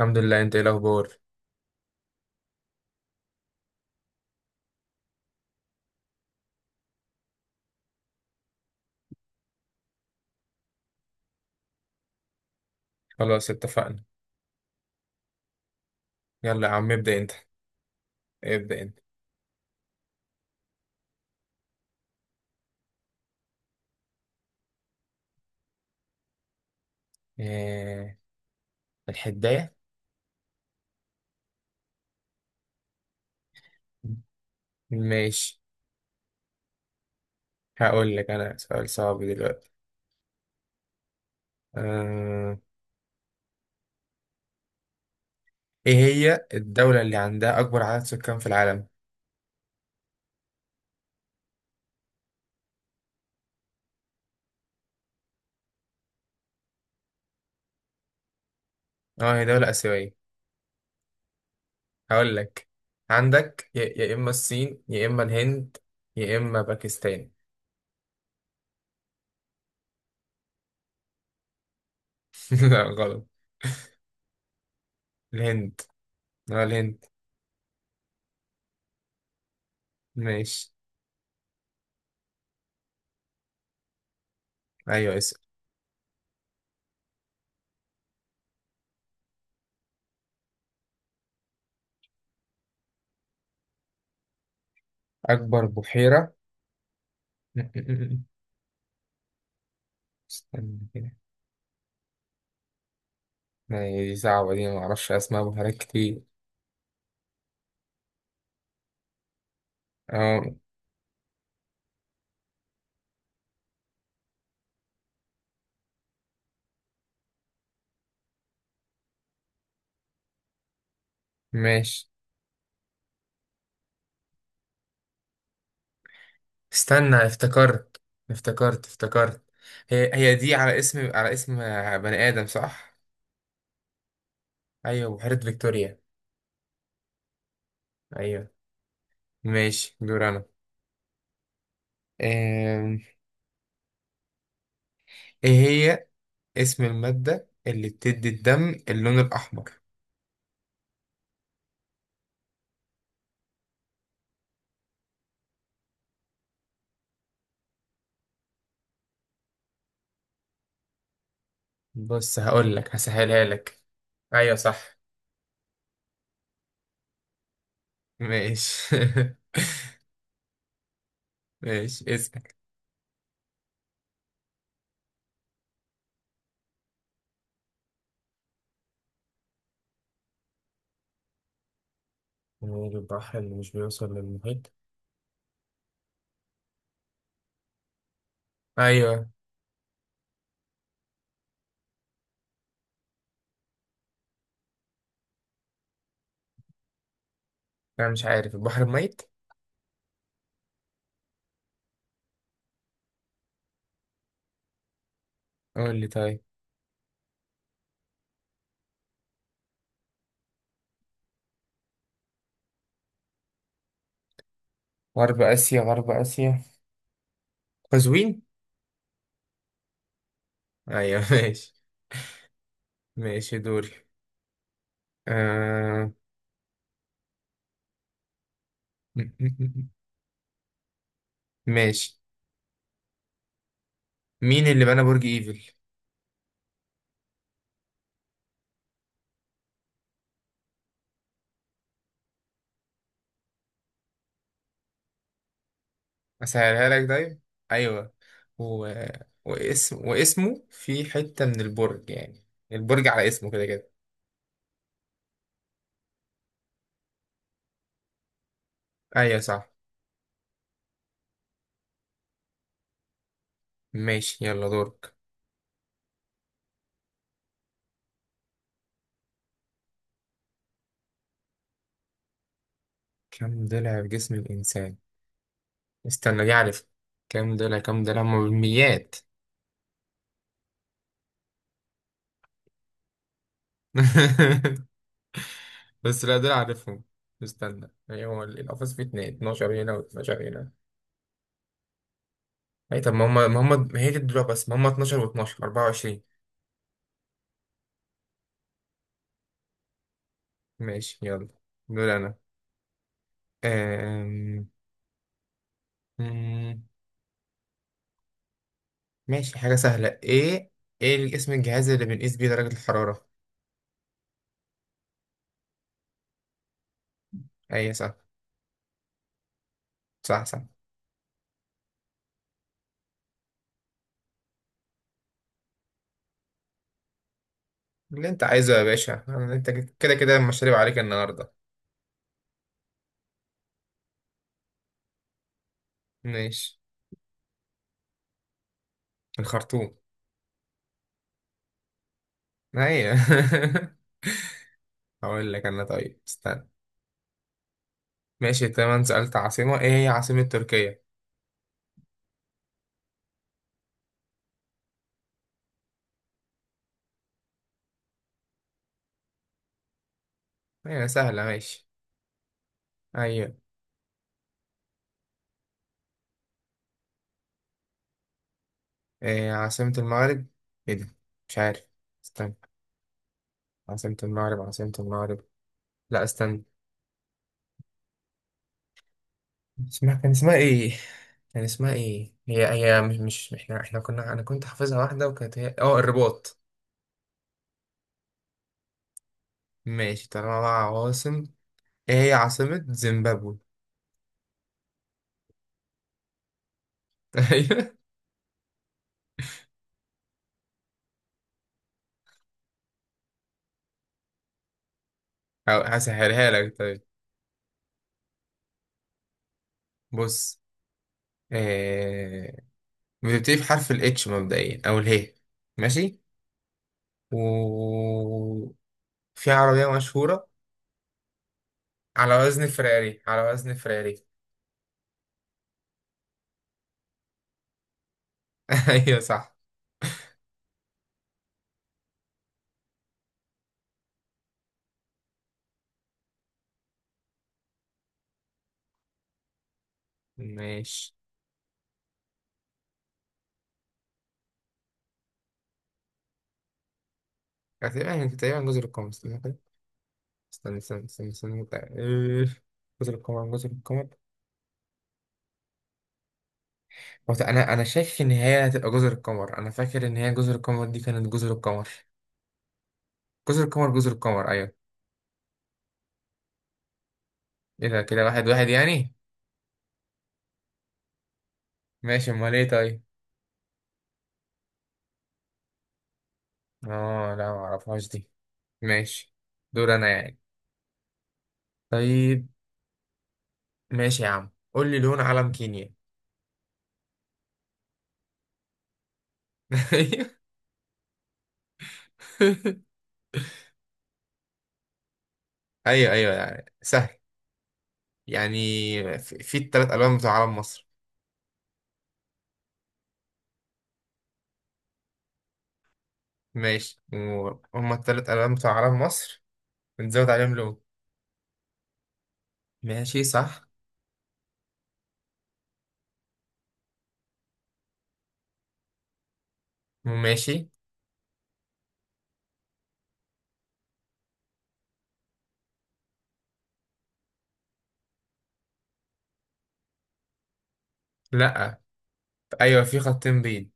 الحمد لله، انت ايه الاخبار؟ خلاص اتفقنا. يلا يا عم، ابدا انت. ابدا انت. إيه. الحدايه. ماشي. هقول لك انا سؤال صعب دلوقتي. آه... ايه هي الدوله اللي عندها اكبر عدد سكان في العالم؟ اه، هي دوله اسيويه. هقول لك. عندك يا اما الصين، يا اما الهند، يا اما باكستان. لا، غلط. الهند. اه، الهند. ماشي. ايوه، اسأل. اكبر بحيره. استنى كده. يعني دي صعبة، دي معرفش أسماء بحيرات كتير. اه. ماشي. استنى، افتكرت. افتكرت، افتكرت. هي دي على اسم بني آدم، صح؟ أيوة، بحيرة فيكتوريا. أيوة. ماشي، دور أنا. آم، إيه هي اسم المادة اللي بتدي الدم اللون الأحمر؟ بص، هقول لك هسهلها لك. أيوة، صح. ماشي. ماشي، اسمك. البحر اللي مش بيوصل للمحيط. أيوة. أنا مش عارف، البحر الميت؟ قول لي، طيب. غرب آسيا، غرب آسيا، قزوين. أيوة. ماشي. ماشي، دوري. آه... م- م- م- ماشي. مين اللي بنى برج إيفل؟ أسهلها لك، طيب. أيوة. و... واسمه في حتة من البرج يعني، البرج على اسمه كده كده. أيوة، صح. ماشي، يلا دورك. كم ضلع في جسم الإنسان؟ استنى، دي عارف. كم ضلع هما بالميات. بس لا، دول عارفهم. استنى، هو القفص فيه اتنين 12 هنا و12 هنا. اي طب، ما هم ما هي دي الدروع، بس ما هم 12 و12 24. ماشي، يلا. دول انا. أم... مم، ماشي، حاجة سهلة، ايه؟ ايه اسم الجهاز اللي بنقيس بيه درجة الحرارة؟ اي صح. صح، صح. اللي انت عايزه يا باشا، انت. كده كده مشاريب عليك النهاردة. ماشي. الخرطوم. ايوه. هقول لك انا، طيب استنى. ماشي تمام، سألت عاصمة، ايه هي عاصمة تركيا؟ هي سهلة، ماشي. أيوة. إيه عاصمة المغرب؟ إيه ده؟ مش عارف. استنى. عاصمة المغرب، عاصمة المغرب. لا، استنى. كان اسمها إيه؟ كان اسمها إيه هي؟ هي مش إحنا كنا، أنا كنت حافظها واحدة، وكانت هي الرباط. ماشي، طالما بقى عواصم. إيه هي عاصمة زيمبابوي؟ أيوة. أو هسهلها لك، طيب. بص. إيه. بتبتدي بحرف الاتش مبدئيا، أو الهي. ماشي. وفي عربية مشهورة. على وزن فراري، على وزن فراري. ايوه، صح. ماشي. تقريبا، يعني تقريبا جزر القمر، استنى كده. استنى، استنى، استنى، استنى. إيه، جزر القمر، جزر القمر. هو انا شايف ان هي هتبقى جزر القمر. انا فاكر ان هي جزر القمر، دي كانت جزر القمر. جزر القمر، جزر القمر، ايوه. ايه ده، كده واحد واحد يعني. ماشي، امال ايه؟ طيب. اه لا، ما اعرفهاش دي. ماشي. دور انا يعني. طيب. ماشي يا عم، قول لي لون علم كينيا. ايوه. ايوه، أيوة، يعني سهل. يعني، في التلات ألوان بتوع علم مصر. ماشي، وهما التلات ألوان بتوع علم مصر. بنزود عليهم لون. ماشي، صح. ماشي. لأ. أيوة، في خطين بيض.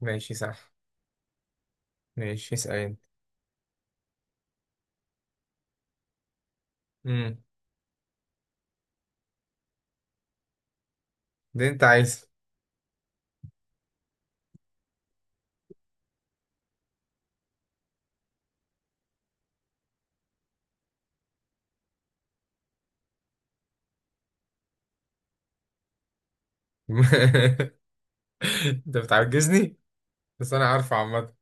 ماشي، صح. ماشي، اسأل أنت. مم. ده أنت عايز. أنت بتعجزني. بس أنا عارفه عامة.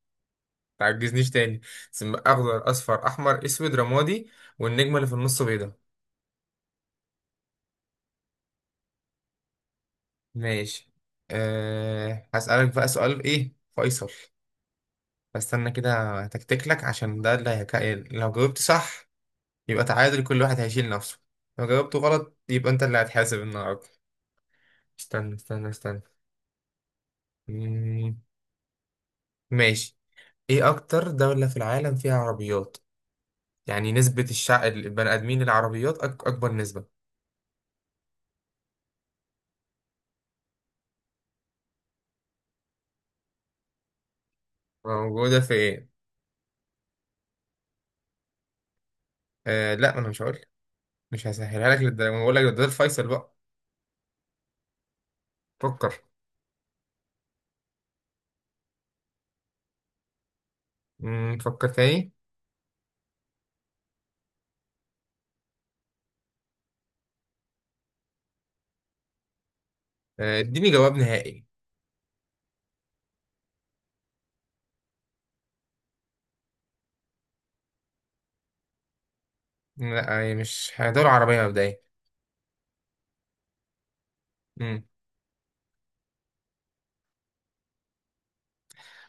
متعجزنيش تاني. ثم أخضر، أصفر، أحمر، أسود، رمادي. والنجمة اللي في النص بيضة. ماشي. هسألك بقى سؤال إيه فيصل. استنى كده، هتكتك لك عشان ده اللي هيك... لو جاوبت صح، يبقى تعادل، كل واحد هيشيل نفسه. لو جاوبته غلط، يبقى انت اللي هتحاسب النهارده. استنى، استنى، استنى. مم... ماشي. ايه اكتر دولة في العالم فيها عربيات؟ يعني نسبة الشعب البني ادمين العربيات، اكبر نسبة. موجودة في ايه؟ لا، ما انا مش هقول. مش هسهلها لك للدرجة، ما بقول لك ده الفيصل بقى. فكر. فكر تاني. اديني جواب نهائي. لا، يعني مش هي دولة عربية مبدئيا.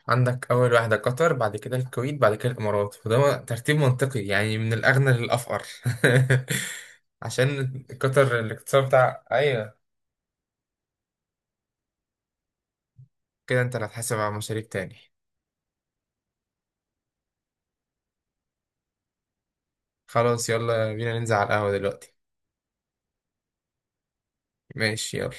عندك أول واحدة قطر، بعد كده الكويت، بعد كده الإمارات، وده ترتيب منطقي يعني من الأغنى للأفقر. عشان قطر الاقتصاد بتاع، أيوة. كده أنت اللي هتحاسب على مشاريب تاني. خلاص، يلا بينا ننزل على القهوة دلوقتي. ماشي، يلا.